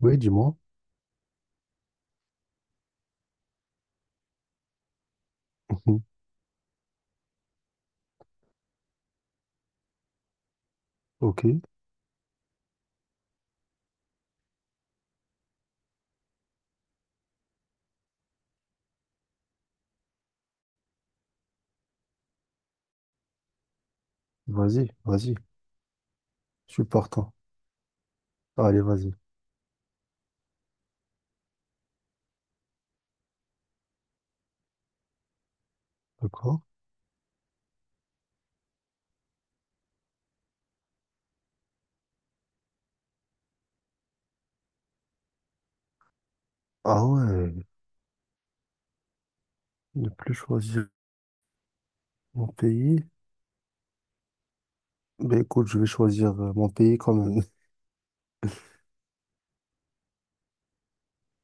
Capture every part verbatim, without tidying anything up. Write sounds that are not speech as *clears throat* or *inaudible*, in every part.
Oui, dis-moi. Mhm. Ok, vas-y, vas-y. Je suis partant. Allez, vas-y. D'accord. Ah ouais, ne plus choisir mon pays. Ben écoute, je vais choisir euh, mon pays quand même. *laughs*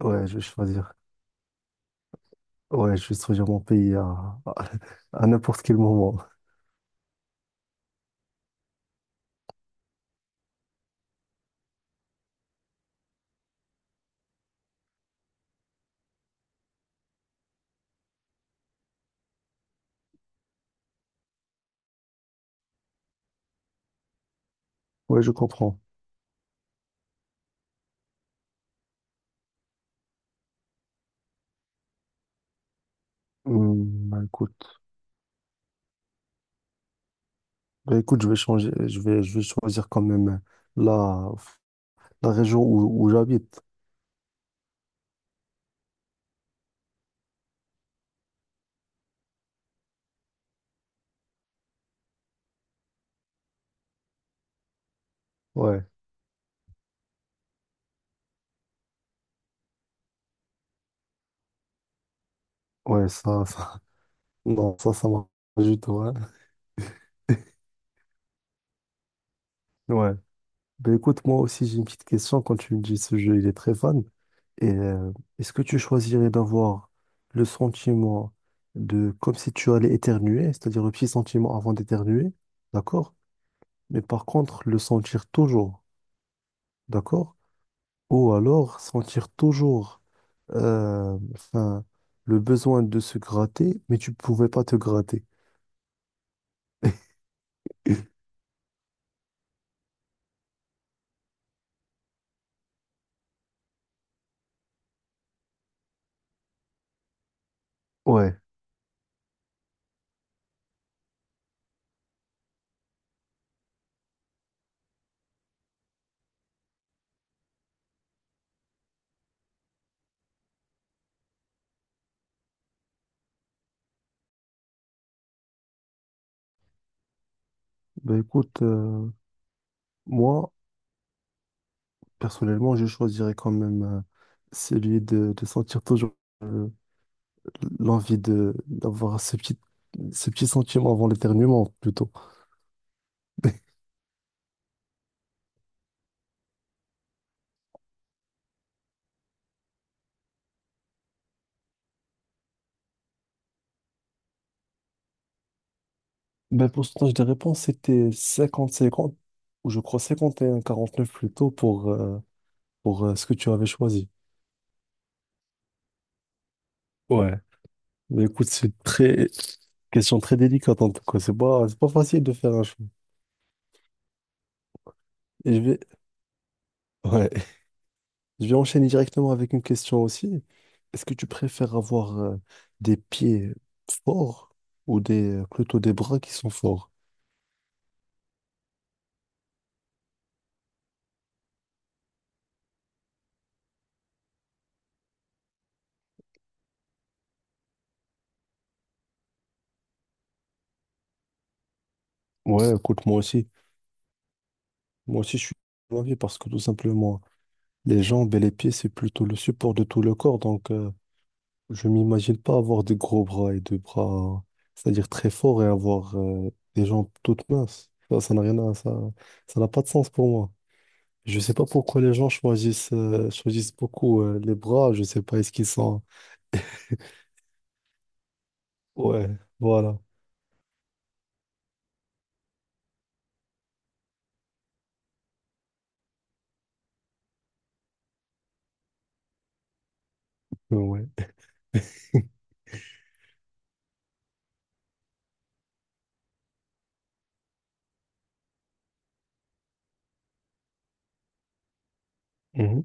Ouais, je vais choisir. Ouais, je vais choisir mon pays à, à, à n'importe quel moment. Ouais, je comprends. Hum, ben écoute, bah écoute, je vais changer. Je vais, je vais choisir quand même la, la région où, où j'habite. Ouais, ouais, ça, ça, *laughs* non, ça, ça marche pas du tout, hein. Ouais. Ben écoute, moi aussi j'ai une petite question. Quand tu me dis ce jeu, il est très fun. Et euh, est-ce que tu choisirais d'avoir le sentiment de comme si tu allais éternuer, c'est-à-dire le petit sentiment avant d'éternuer, d'accord? Mais par contre, le sentir toujours, d'accord? Ou alors sentir toujours euh, enfin, le besoin de se gratter, mais tu pouvais pas te gratter. *clears throat* Ouais, ben écoute, euh, moi, personnellement, je choisirais quand même euh, celui de, de sentir toujours euh, l'envie de d'avoir ce petit, ce petit sentiment avant l'éternuement, plutôt. *laughs* Ben, pour le pourcentage des réponses, c'était cinquante cinquante ou je crois cinquante et un quarante neuf plutôt pour, euh, pour euh, ce que tu avais choisi. Ouais. Mais écoute, c'est très question très délicate en tout cas. C'est pas, c'est pas facile de faire un choix. Et je vais. Ouais. Je vais enchaîner directement avec une question aussi. Est-ce que tu préfères avoir euh, des pieds forts ou des, euh, plutôt des bras qui sont forts? Ouais, écoute, moi aussi. Moi aussi, je suis de parce que tout simplement, les jambes et les pieds, c'est plutôt le support de tout le corps. Donc, euh, je m'imagine pas avoir des gros bras et des bras, c'est-à-dire très forts et avoir euh, des jambes toutes minces. Ça, ça n'a rien à, ça, ça n'a pas de sens pour moi. Je sais pas pourquoi les gens choisissent, euh, choisissent beaucoup euh, les bras. Je sais pas, est-ce qu'ils sont. Ouais, voilà. Ouais. Mhm.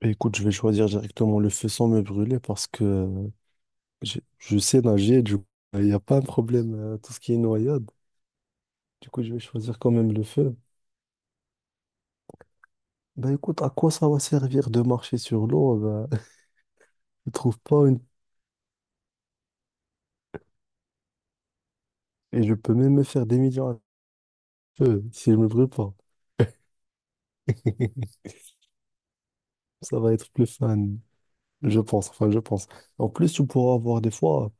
Bah, écoute, je vais choisir directement le feu sans me brûler parce que euh, j'ai- je sais nager, du coup, il n'y a pas un problème euh, tout ce qui est noyade. Du coup, je vais choisir quand même le feu. Bah écoute, à quoi ça va servir de marcher sur l'eau? Bah, *laughs* je trouve pas une. Et je peux même me faire des millions à feu si je me brûle pas. *laughs* Ça va être plus fun. Je pense, enfin, je pense. En plus, tu pourras avoir des fois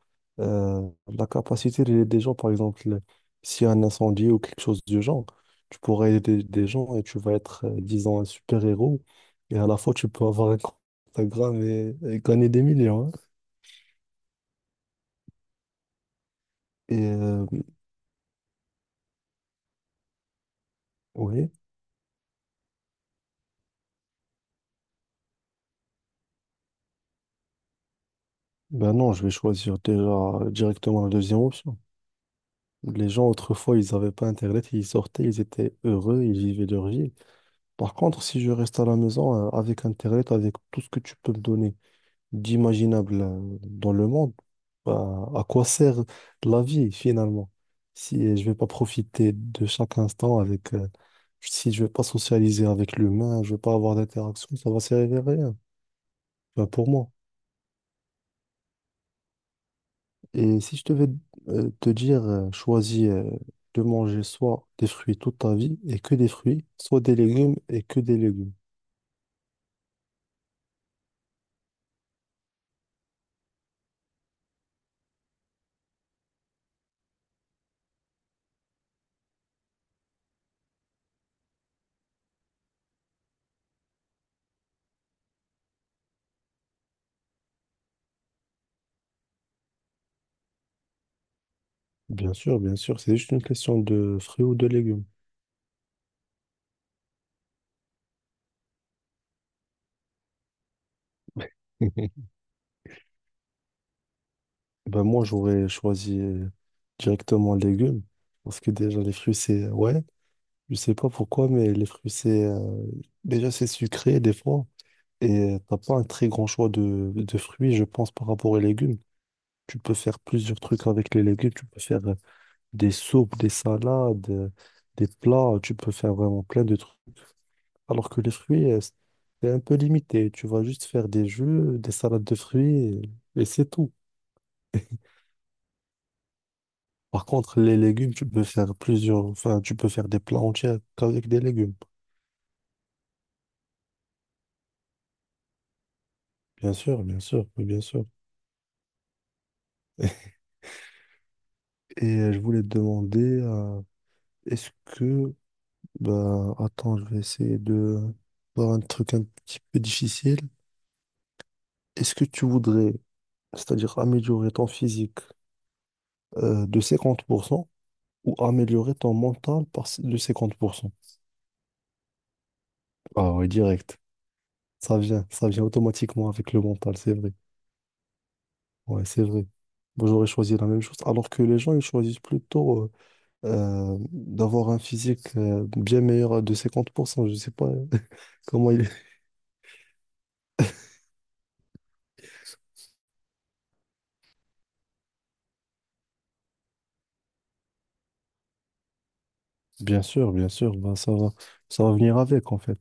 euh, la capacité des, des gens, par exemple, s'il y a un incendie ou quelque chose du genre, tu pourras aider des gens et tu vas être, euh, disons, un super-héros. Et à la fois, tu peux avoir un compte Instagram et, et gagner des millions, hein. Et euh, oui, ben non, je vais choisir déjà directement la deuxième option. Les gens, autrefois, ils n'avaient pas Internet, ils sortaient, ils étaient heureux, ils vivaient leur vie. Par contre, si je reste à la maison euh, avec Internet, avec tout ce que tu peux me donner, d'imaginable euh, dans le monde, bah, à quoi sert la vie finalement? Si euh, je vais pas profiter de chaque instant avec, euh, si je vais pas socialiser avec l'humain, je vais pas avoir d'interaction, ça va servir à rien. Bah, pour moi. Et si je devais euh, te dire, euh, choisis euh, de manger soit des fruits toute ta vie et que des fruits, soit des légumes et que des légumes. Bien sûr, bien sûr, c'est juste une question de fruits ou de légumes. *laughs* Ben moi, j'aurais choisi euh, directement les légumes. Parce que déjà, les fruits, c'est... euh, ouais, je sais pas pourquoi, mais les fruits, c'est... euh, déjà, c'est sucré des fois. Et euh, t'as pas un très grand choix de, de fruits, je pense, par rapport aux légumes. Tu peux faire plusieurs trucs avec les légumes. Tu peux faire euh, des soupes, des salades, euh, des plats. Tu peux faire vraiment plein de trucs. Alors que les fruits, euh, c'est un peu limité. Tu vas juste faire des jus, des salades de fruits, et et c'est tout. Par contre, les légumes, tu peux faire plusieurs, enfin, tu peux faire des plats entiers avec des légumes. Bien sûr, bien sûr, oui, bien sûr. Et euh, je voulais te demander, euh, est-ce que, bah, attends, je vais essayer de voir un truc un petit peu difficile. Est-ce que tu voudrais, c'est-à-dire améliorer ton physique euh, de cinquante pour cent, ou améliorer ton mental par, de cinquante pour cent? Ah oui, direct. Ça vient, ça vient automatiquement avec le mental, c'est vrai. Ouais, c'est vrai. Moi, j'aurais choisi la même chose. Alors que les gens, ils choisissent plutôt euh, euh, d'avoir un physique euh, bien meilleur à de cinquante pour cent. Je sais pas euh, *laughs* comment il est. Bien sûr, bien sûr. Bah, ça va, ça va venir avec, en fait.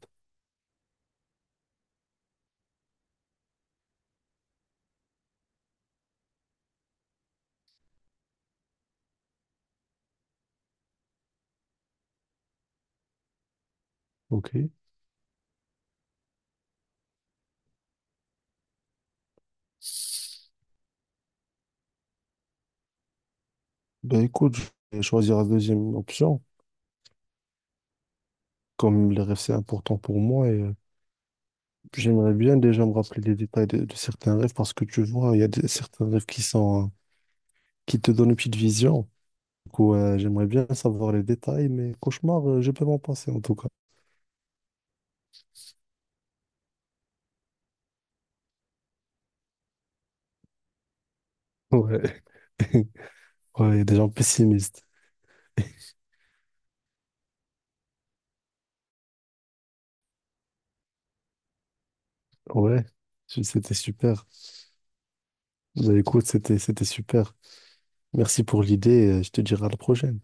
OK. Ben écoute, je vais choisir la deuxième option. Comme les rêves, c'est important pour moi et euh, j'aimerais bien déjà me rappeler les détails de, de certains rêves parce que tu vois, il y a des- certains rêves qui sont, euh, qui te donnent une petite vision. Du coup, euh, j'aimerais bien savoir les détails, mais cauchemar, euh, je peux m'en passer en tout cas. Ouais, ouais, il y a des gens pessimistes. Ouais, c'était super. Bah, écoute, c'était, c'était super. Merci pour l'idée. euh, Je te dirai à la prochaine.